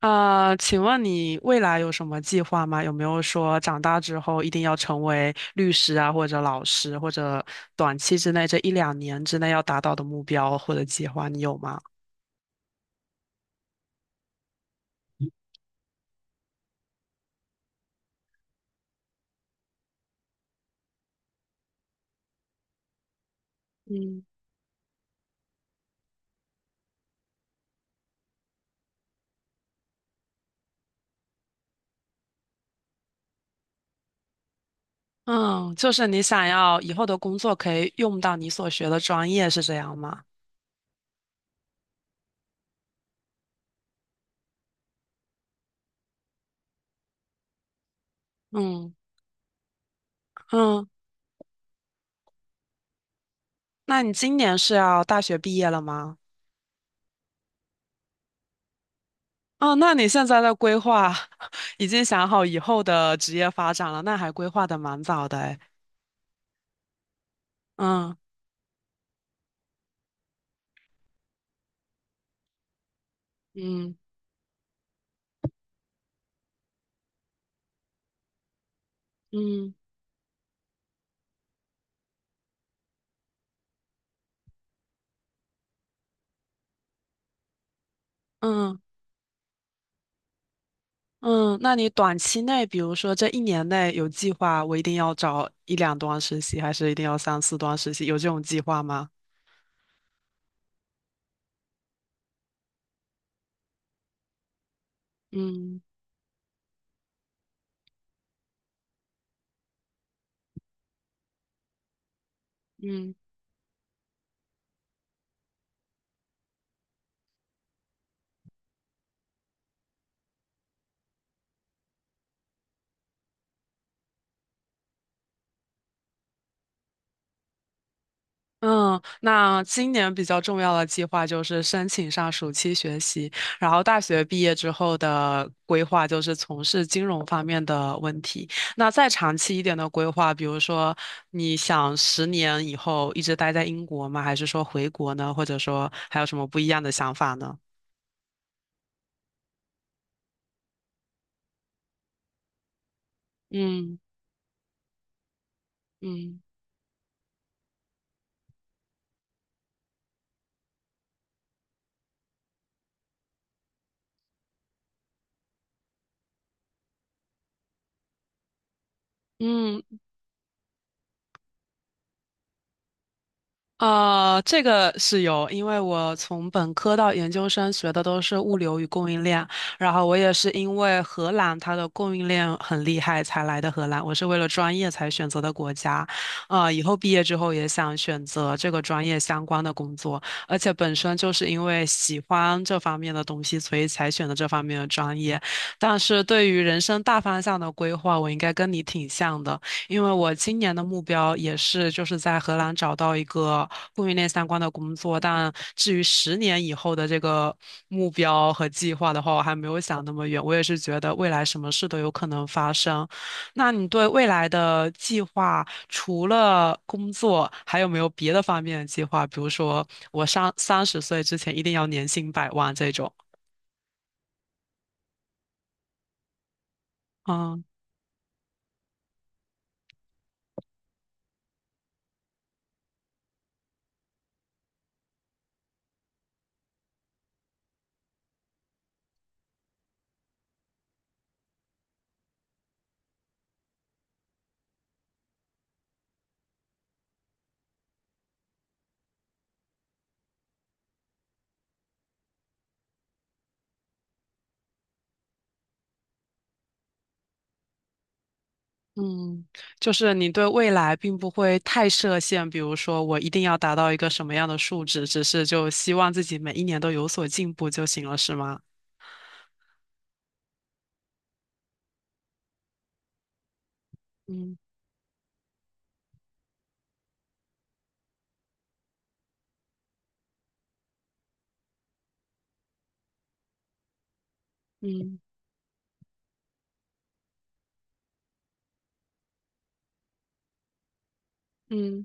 啊，请问你未来有什么计划吗？有没有说长大之后一定要成为律师啊，或者老师，或者短期之内这一两年之内要达到的目标或者计划，你有吗？嗯，嗯，就是你想要以后的工作可以用到你所学的专业，是这样吗？嗯嗯，那你今年是要大学毕业了吗？哦，那你现在的规划 已经想好以后的职业发展了，那还规划的蛮早的诶。嗯嗯嗯。嗯嗯，那你短期内，比如说这一年内有计划，我一定要找一两段实习，还是一定要三四段实习？有这种计划吗？嗯嗯嗯，那今年比较重要的计划就是申请上暑期学习，然后大学毕业之后的规划就是从事金融方面的问题。那再长期一点的规划，比如说你想十年以后一直待在英国吗？还是说回国呢？或者说还有什么不一样的想法呢？嗯。嗯嗯，啊，这个是有，因为我从本科到研究生学的都是物流与供应链，然后我也是因为荷兰它的供应链很厉害才来的荷兰，我是为了专业才选择的国家，啊、以后毕业之后也想选择这个专业相关的工作，而且本身就是因为喜欢这方面的东西，所以才选的这方面的专业。但是对于人生大方向的规划，我应该跟你挺像的。因为我今年的目标也是就是在荷兰找到一个供应链相关的工作，但至于十年以后的这个目标和计划的话，我还没有想那么远。我也是觉得未来什么事都有可能发生。那你对未来的计划，除了工作，还有没有别的方面的计划？比如说，我上三十岁之前一定要年薪百万这种。嗯嗯，就是你对未来并不会太设限，比如说我一定要达到一个什么样的数值，只是就希望自己每一年都有所进步就行了，是吗？嗯嗯嗯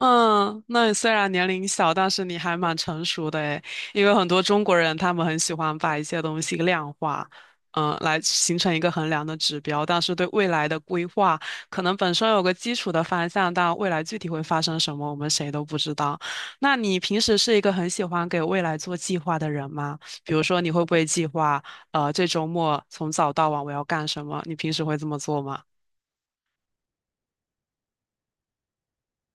嗯，那你虽然年龄小，但是你还蛮成熟的诶，因为很多中国人他们很喜欢把一些东西量化，嗯，来形成一个衡量的指标，但是对未来的规划，可能本身有个基础的方向，但未来具体会发生什么，我们谁都不知道。那你平时是一个很喜欢给未来做计划的人吗？比如说，你会不会计划，这周末从早到晚我要干什么？你平时会这么做吗？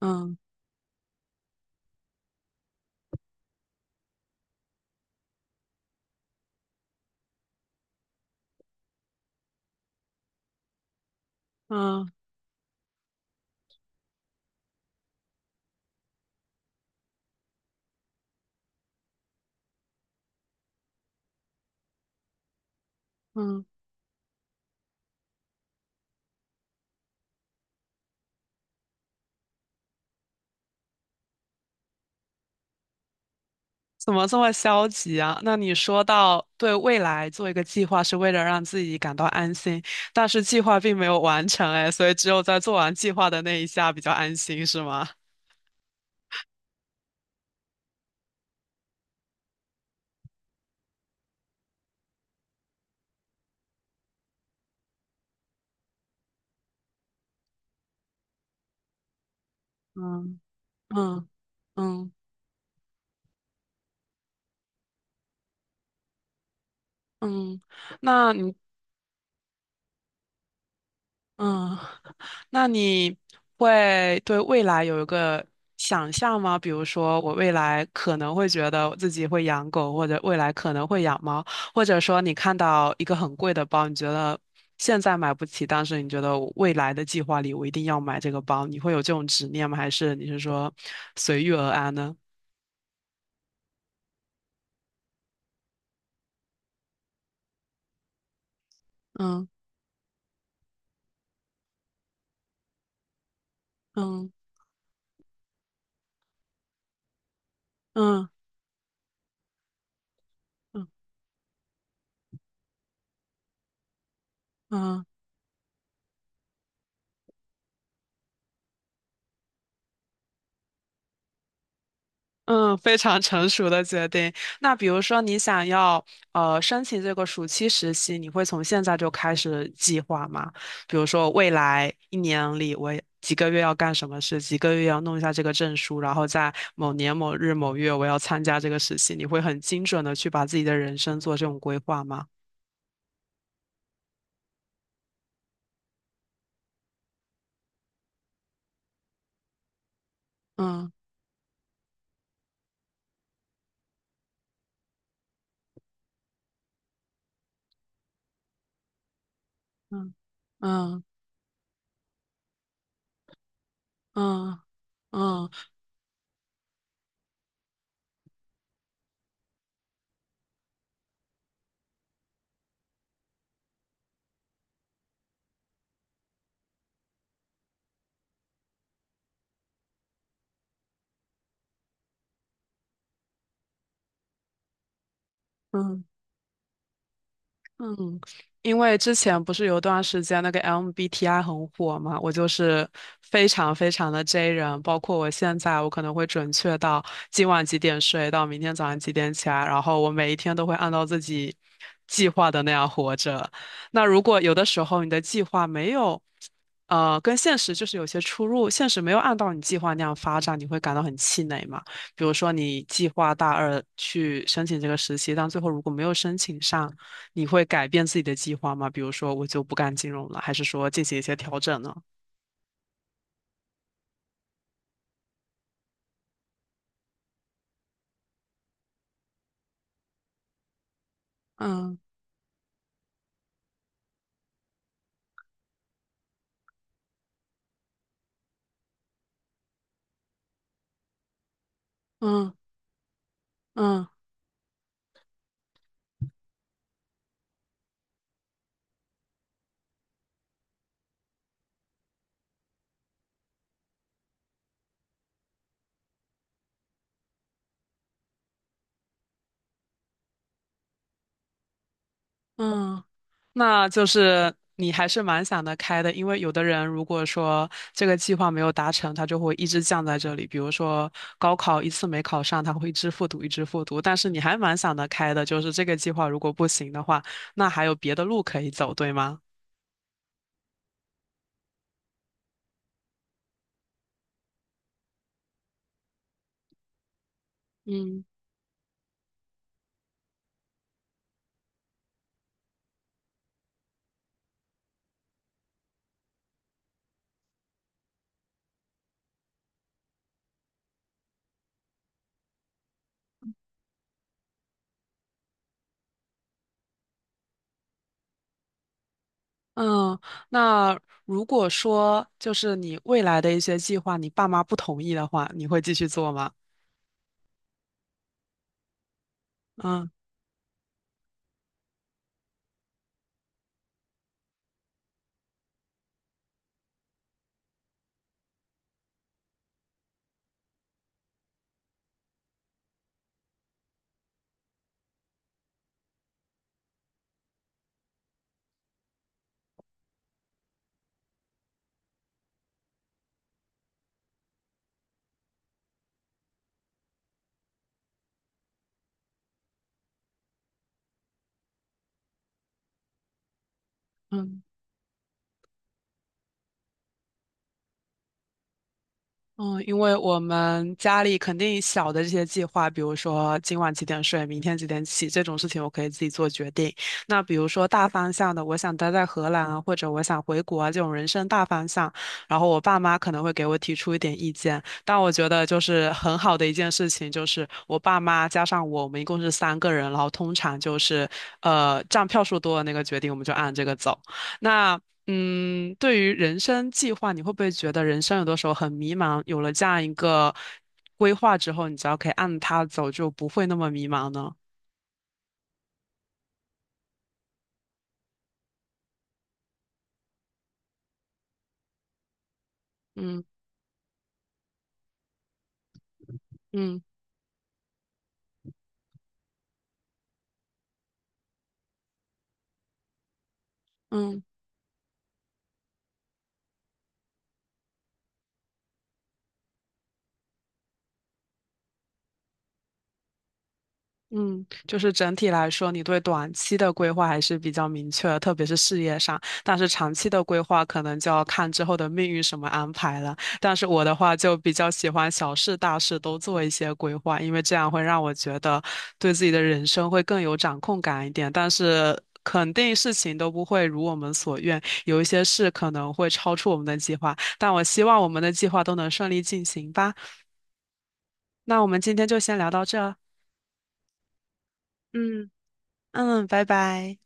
嗯嗯嗯。怎么这么消极啊？那你说到对未来做一个计划是为了让自己感到安心，但是计划并没有完成，哎，所以只有在做完计划的那一下比较安心，是吗？嗯嗯嗯嗯，那你嗯，那你会对未来有一个想象吗？比如说，我未来可能会觉得我自己会养狗，或者未来可能会养猫，或者说你看到一个很贵的包，你觉得现在买不起，但是你觉得我未来的计划里我一定要买这个包，你会有这种执念吗？还是你是说随遇而安呢？嗯嗯嗯嗯嗯。嗯嗯，非常成熟的决定。那比如说，你想要申请这个暑期实习，你会从现在就开始计划吗？比如说，未来一年里，我几个月要干什么事，几个月要弄一下这个证书，然后在某年某日某月我要参加这个实习，你会很精准的去把自己的人生做这种规划吗？嗯嗯嗯嗯嗯嗯。嗯，因为之前不是有段时间那个 MBTI 很火嘛，我就是非常非常的 J 人，包括我现在，我可能会准确到今晚几点睡，到明天早上几点起来，然后我每一天都会按照自己计划的那样活着。那如果有的时候你的计划没有，跟现实就是有些出入，现实没有按照你计划那样发展，你会感到很气馁嘛？比如说你计划大二去申请这个实习，但最后如果没有申请上。你会改变自己的计划吗？比如说，我就不干金融了，还是说进行一些调整呢？嗯嗯嗯嗯，那就是你还是蛮想得开的，因为有的人如果说这个计划没有达成，他就会一直降在这里。比如说高考一次没考上，他会一直复读，一直复读。但是你还蛮想得开的，就是这个计划如果不行的话，那还有别的路可以走，对吗？嗯。嗯，那如果说就是你未来的一些计划，你爸妈不同意的话，你会继续做吗？嗯嗯。嗯，因为我们家里肯定小的这些计划，比如说今晚几点睡，明天几点起这种事情，我可以自己做决定。那比如说大方向的，我想待在荷兰啊，或者我想回国啊，这种人生大方向，然后我爸妈可能会给我提出一点意见。但我觉得就是很好的一件事情，就是我爸妈加上我，我们一共是三个人，然后通常就是占票数多的那个决定，我们就按这个走。那对于人生计划，你会不会觉得人生有的时候很迷茫？有了这样一个规划之后，你只要可以按它走，就不会那么迷茫呢？嗯嗯嗯。嗯，就是整体来说，你对短期的规划还是比较明确的，特别是事业上。但是长期的规划可能就要看之后的命运什么安排了。但是我的话就比较喜欢小事大事都做一些规划，因为这样会让我觉得对自己的人生会更有掌控感一点。但是肯定事情都不会如我们所愿，有一些事可能会超出我们的计划。但我希望我们的计划都能顺利进行吧。那我们今天就先聊到这儿。嗯嗯，拜拜。